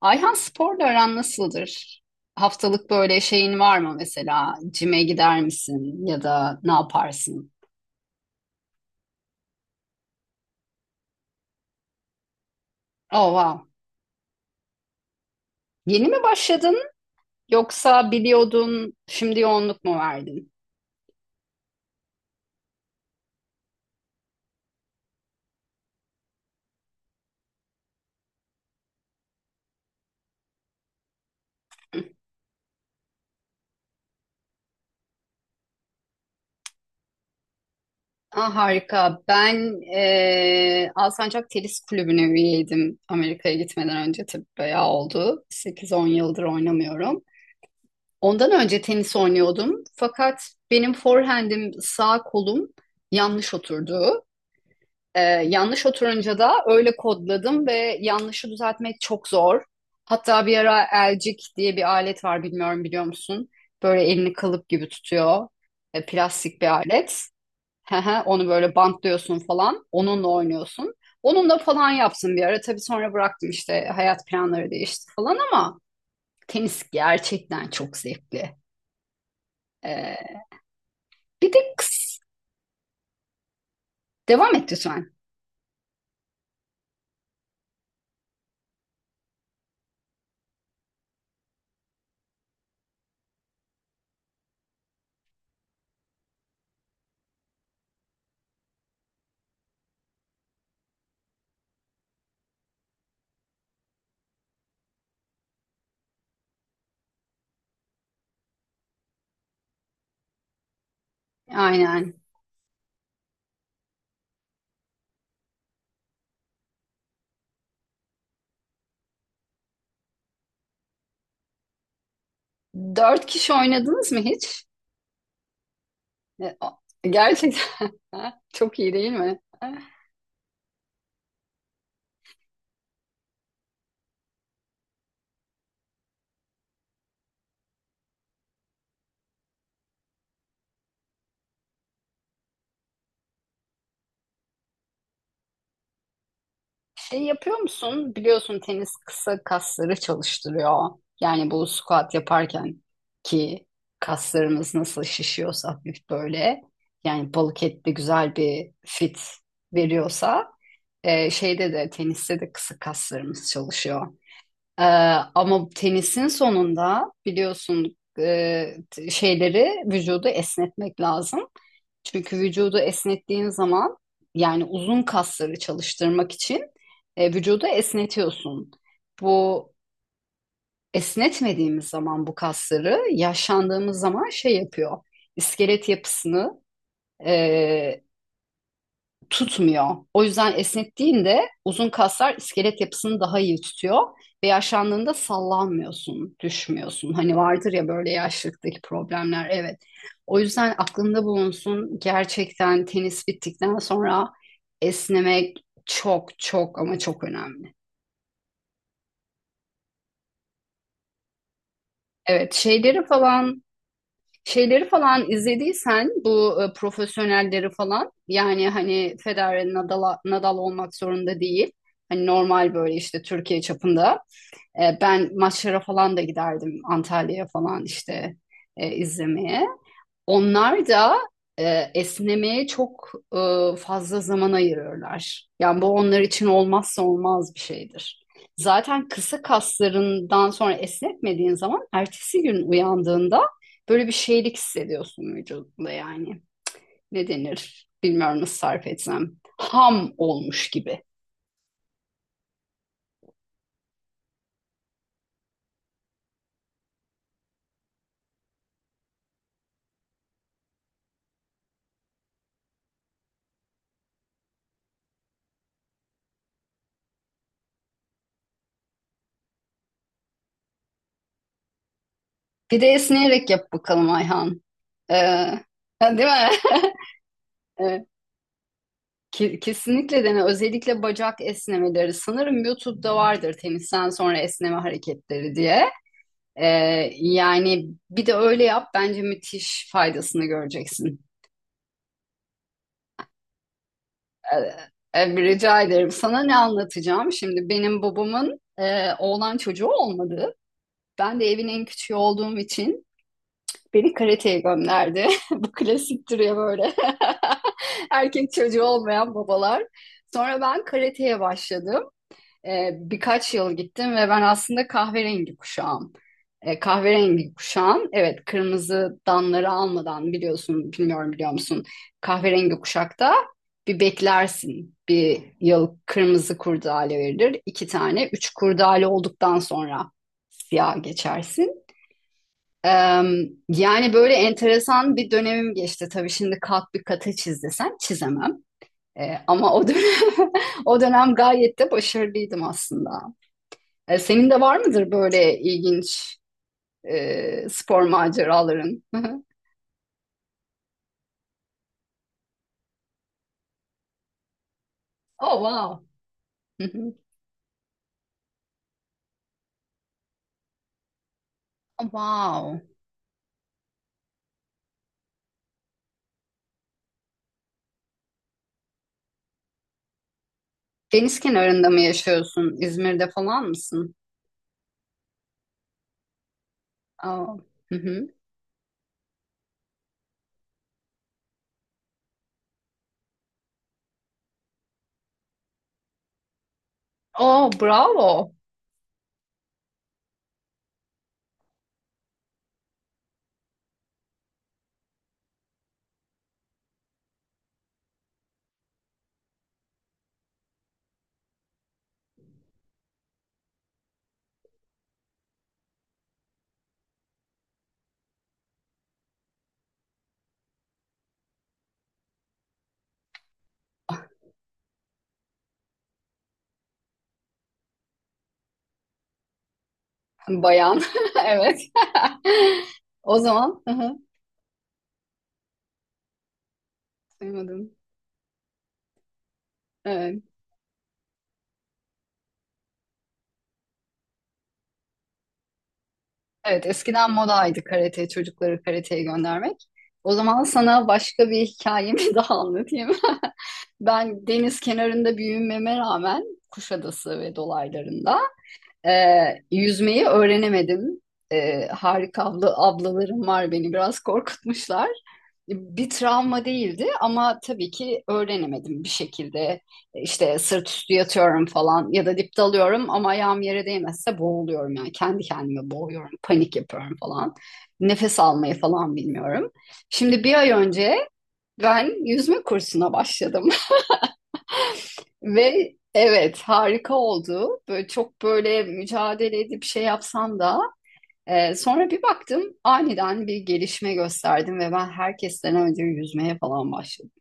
Ayhan, sporla aran nasıldır? Haftalık böyle şeyin var mı mesela? Cime gider misin ya da ne yaparsın? Oh wow. Yeni mi başladın yoksa biliyordun şimdi yoğunluk mu verdin? Ah, harika. Ben Alsancak Tenis Kulübü'ne üyeydim Amerika'ya gitmeden önce. Tabii bayağı oldu, 8-10 yıldır oynamıyorum. Ondan önce tenis oynuyordum. Fakat benim forehand'im, sağ kolum yanlış oturdu. Ee, Yanlış oturunca da öyle kodladım ve yanlışı düzeltmek çok zor. Hatta bir ara elcik diye bir alet var, bilmiyorum biliyor musun? Böyle elini kalıp gibi tutuyor. Plastik bir alet. Hehe, onu böyle bantlıyorsun falan. Onunla oynuyorsun. Onunla falan yapsın bir ara. Tabii sonra bıraktım, işte hayat planları değişti falan, ama tenis gerçekten çok zevkli. Ee, Bir de kız. Devam et lütfen. Aynen. Dört kişi oynadınız mı hiç? E, o- Gerçekten çok iyi değil mi? Şey yapıyor musun? Biliyorsun, tenis kısa kasları çalıştırıyor. Yani bu squat yaparken ki kaslarımız nasıl şişiyorsa, hafif böyle. Yani balık etli güzel bir fit veriyorsa, şeyde de, teniste de kısa kaslarımız çalışıyor. E, Ama tenisin sonunda biliyorsun, şeyleri, vücudu esnetmek lazım. Çünkü vücudu esnettiğin zaman, yani uzun kasları çalıştırmak için vücudu esnetiyorsun. Bu esnetmediğimiz zaman bu kasları, yaşlandığımız zaman şey yapıyor. İskelet yapısını e, tutmuyor. O yüzden esnettiğinde uzun kaslar iskelet yapısını daha iyi tutuyor ve yaşlandığında sallanmıyorsun, düşmüyorsun. Hani vardır ya böyle yaşlılıktaki problemler. Evet. O yüzden aklında bulunsun. Gerçekten tenis bittikten sonra esnemek çok çok ama çok önemli. Evet, şeyleri falan. Şeyleri falan izlediysen bu profesyonelleri falan, yani hani Federer, Nadal. Nadal olmak zorunda değil. Hani normal, böyle işte Türkiye çapında. Ben maçlara falan da giderdim, Antalya'ya falan işte izlemeye. Onlar da esnemeye çok e, fazla zaman ayırıyorlar. Yani bu onlar için olmazsa olmaz bir şeydir. Zaten kısa kaslarından sonra esnetmediğin zaman ertesi gün uyandığında böyle bir şeylik hissediyorsun vücudunda yani. Ne denir? Bilmiyorum nasıl tarif etsem. Ham olmuş gibi. Bir de esneyerek yap bakalım Ayhan. Ee, Değil mi? Evet, kesinlikle dene. Özellikle bacak esnemeleri. Sanırım YouTube'da vardır tenisten sonra esneme hareketleri diye. Ee, Yani bir de öyle yap. Bence müthiş faydasını göreceksin. Rica ederim. Sana ne anlatacağım? Şimdi benim babamın oğlan çocuğu olmadı. Ben de evin en küçüğü olduğum için beni karateye gönderdi. Bu klasiktir ya böyle. Erkek çocuğu olmayan babalar. Sonra ben karateye başladım. Birkaç yıl gittim ve ben aslında kahverengi kuşağım. E, kahverengi kuşağım, evet, kırmızı danları almadan, biliyorsun, bilmiyorum, biliyor musun? Kahverengi kuşakta bir beklersin. Bir yıl kırmızı kurdale verilir. İki tane, üç kurdale olduktan sonra siyah geçersin. E, yani böyle enteresan bir dönemim geçti. Tabii şimdi kalk bir kata çiz desem çizemem. Ama o dönem, o dönem gayet de başarılıydım aslında. Senin de var mıdır böyle ilginç spor maceraların? Oh wow. Oh, wow. Deniz kenarında mı yaşıyorsun? İzmir'de falan mısın? Oh, hı hı. Oh bravo. Bayan. Evet. O zaman hı hı, duymadım. Evet. Evet, eskiden modaydı karate, çocukları karateye göndermek. O zaman sana başka bir hikayemi daha anlatayım. Ben deniz kenarında büyümeme rağmen, Kuşadası ve dolaylarında, e, yüzmeyi öğrenemedim. E, harika abla, ablalarım var, beni biraz korkutmuşlar. Bir travma değildi ama tabii ki öğrenemedim bir şekilde. E, İşte sırt üstü yatıyorum falan, ya da dip dalıyorum, ama ayağım yere değmezse boğuluyorum, yani kendi kendime boğuyorum, panik yapıyorum falan. Nefes almayı falan bilmiyorum. Şimdi bir ay önce ben yüzme kursuna başladım. Ve evet, harika oldu. Böyle çok, böyle mücadele edip şey yapsam da sonra bir baktım aniden bir gelişme gösterdim ve ben herkesten önce yüzmeye falan başladım.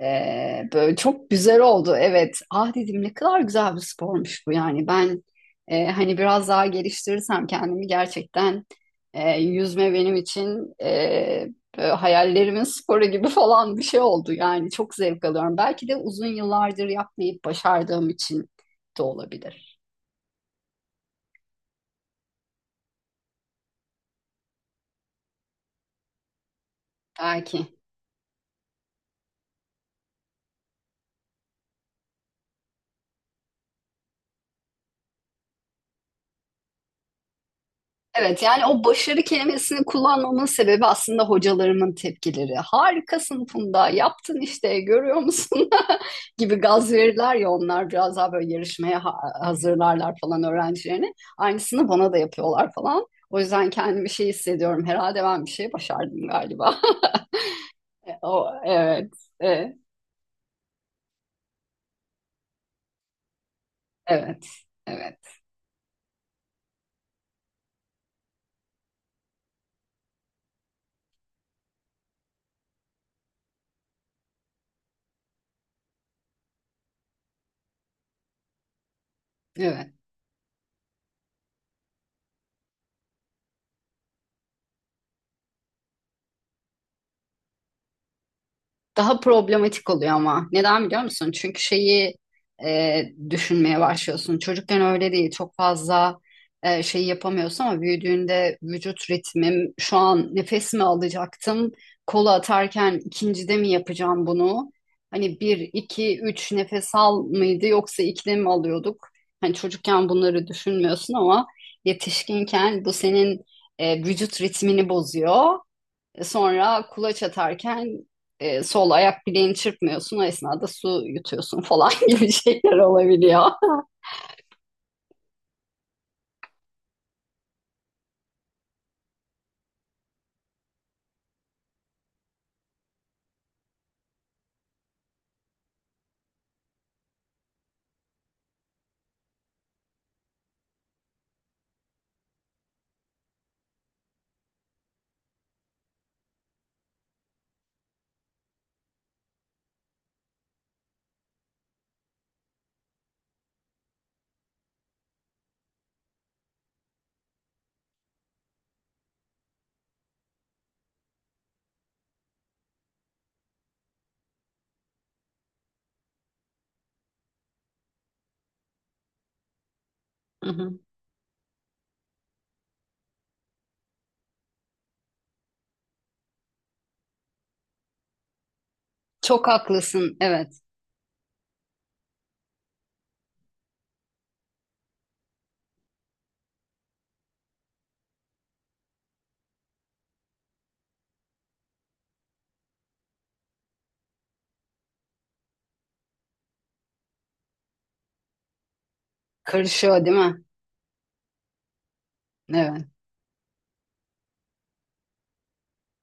Böyle çok güzel oldu. Evet. Ah dedim, ne kadar güzel bir spormuş bu yani. Ben hani biraz daha geliştirirsem kendimi, gerçekten yüzme benim için böyle hayallerimin sporu gibi falan bir şey oldu. Yani çok zevk alıyorum. Belki de uzun yıllardır yapmayıp başardığım için de olabilir. Belki. Evet, yani o başarı kelimesini kullanmamın sebebi aslında hocalarımın tepkileri. Harikasın Funda, yaptın işte, görüyor musun gibi gaz verirler ya, onlar biraz daha böyle yarışmaya hazırlarlar falan öğrencilerini. Aynısını bana da yapıyorlar falan. O yüzden kendimi şey hissediyorum, herhalde ben bir şey başardım galiba. O, evet, e, evet, evet, evet. Daha problematik oluyor ama. Neden biliyor musun? Çünkü şeyi e, düşünmeye başlıyorsun. Çocukken öyle değil. Çok fazla şey yapamıyorsun, ama büyüdüğünde vücut ritmim, şu an nefes mi alacaktım? Kolu atarken ikincide mi yapacağım bunu? Hani bir, iki, üç nefes al mıydı, yoksa ikide mi alıyorduk? Hani çocukken bunları düşünmüyorsun ama yetişkinken bu senin vücut ritmini bozuyor. Sonra kulaç atarken sol ayak bileğini çırpmıyorsun. O esnada su yutuyorsun falan gibi şeyler olabiliyor. Hı hı. Çok haklısın. Evet. Karışıyor değil mi? Evet.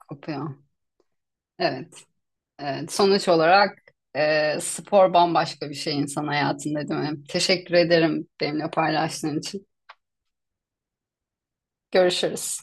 Kopuyor. Evet. Evet. Sonuç olarak spor bambaşka bir şey insan hayatında, değil mi? Teşekkür ederim benimle paylaştığın için. Görüşürüz.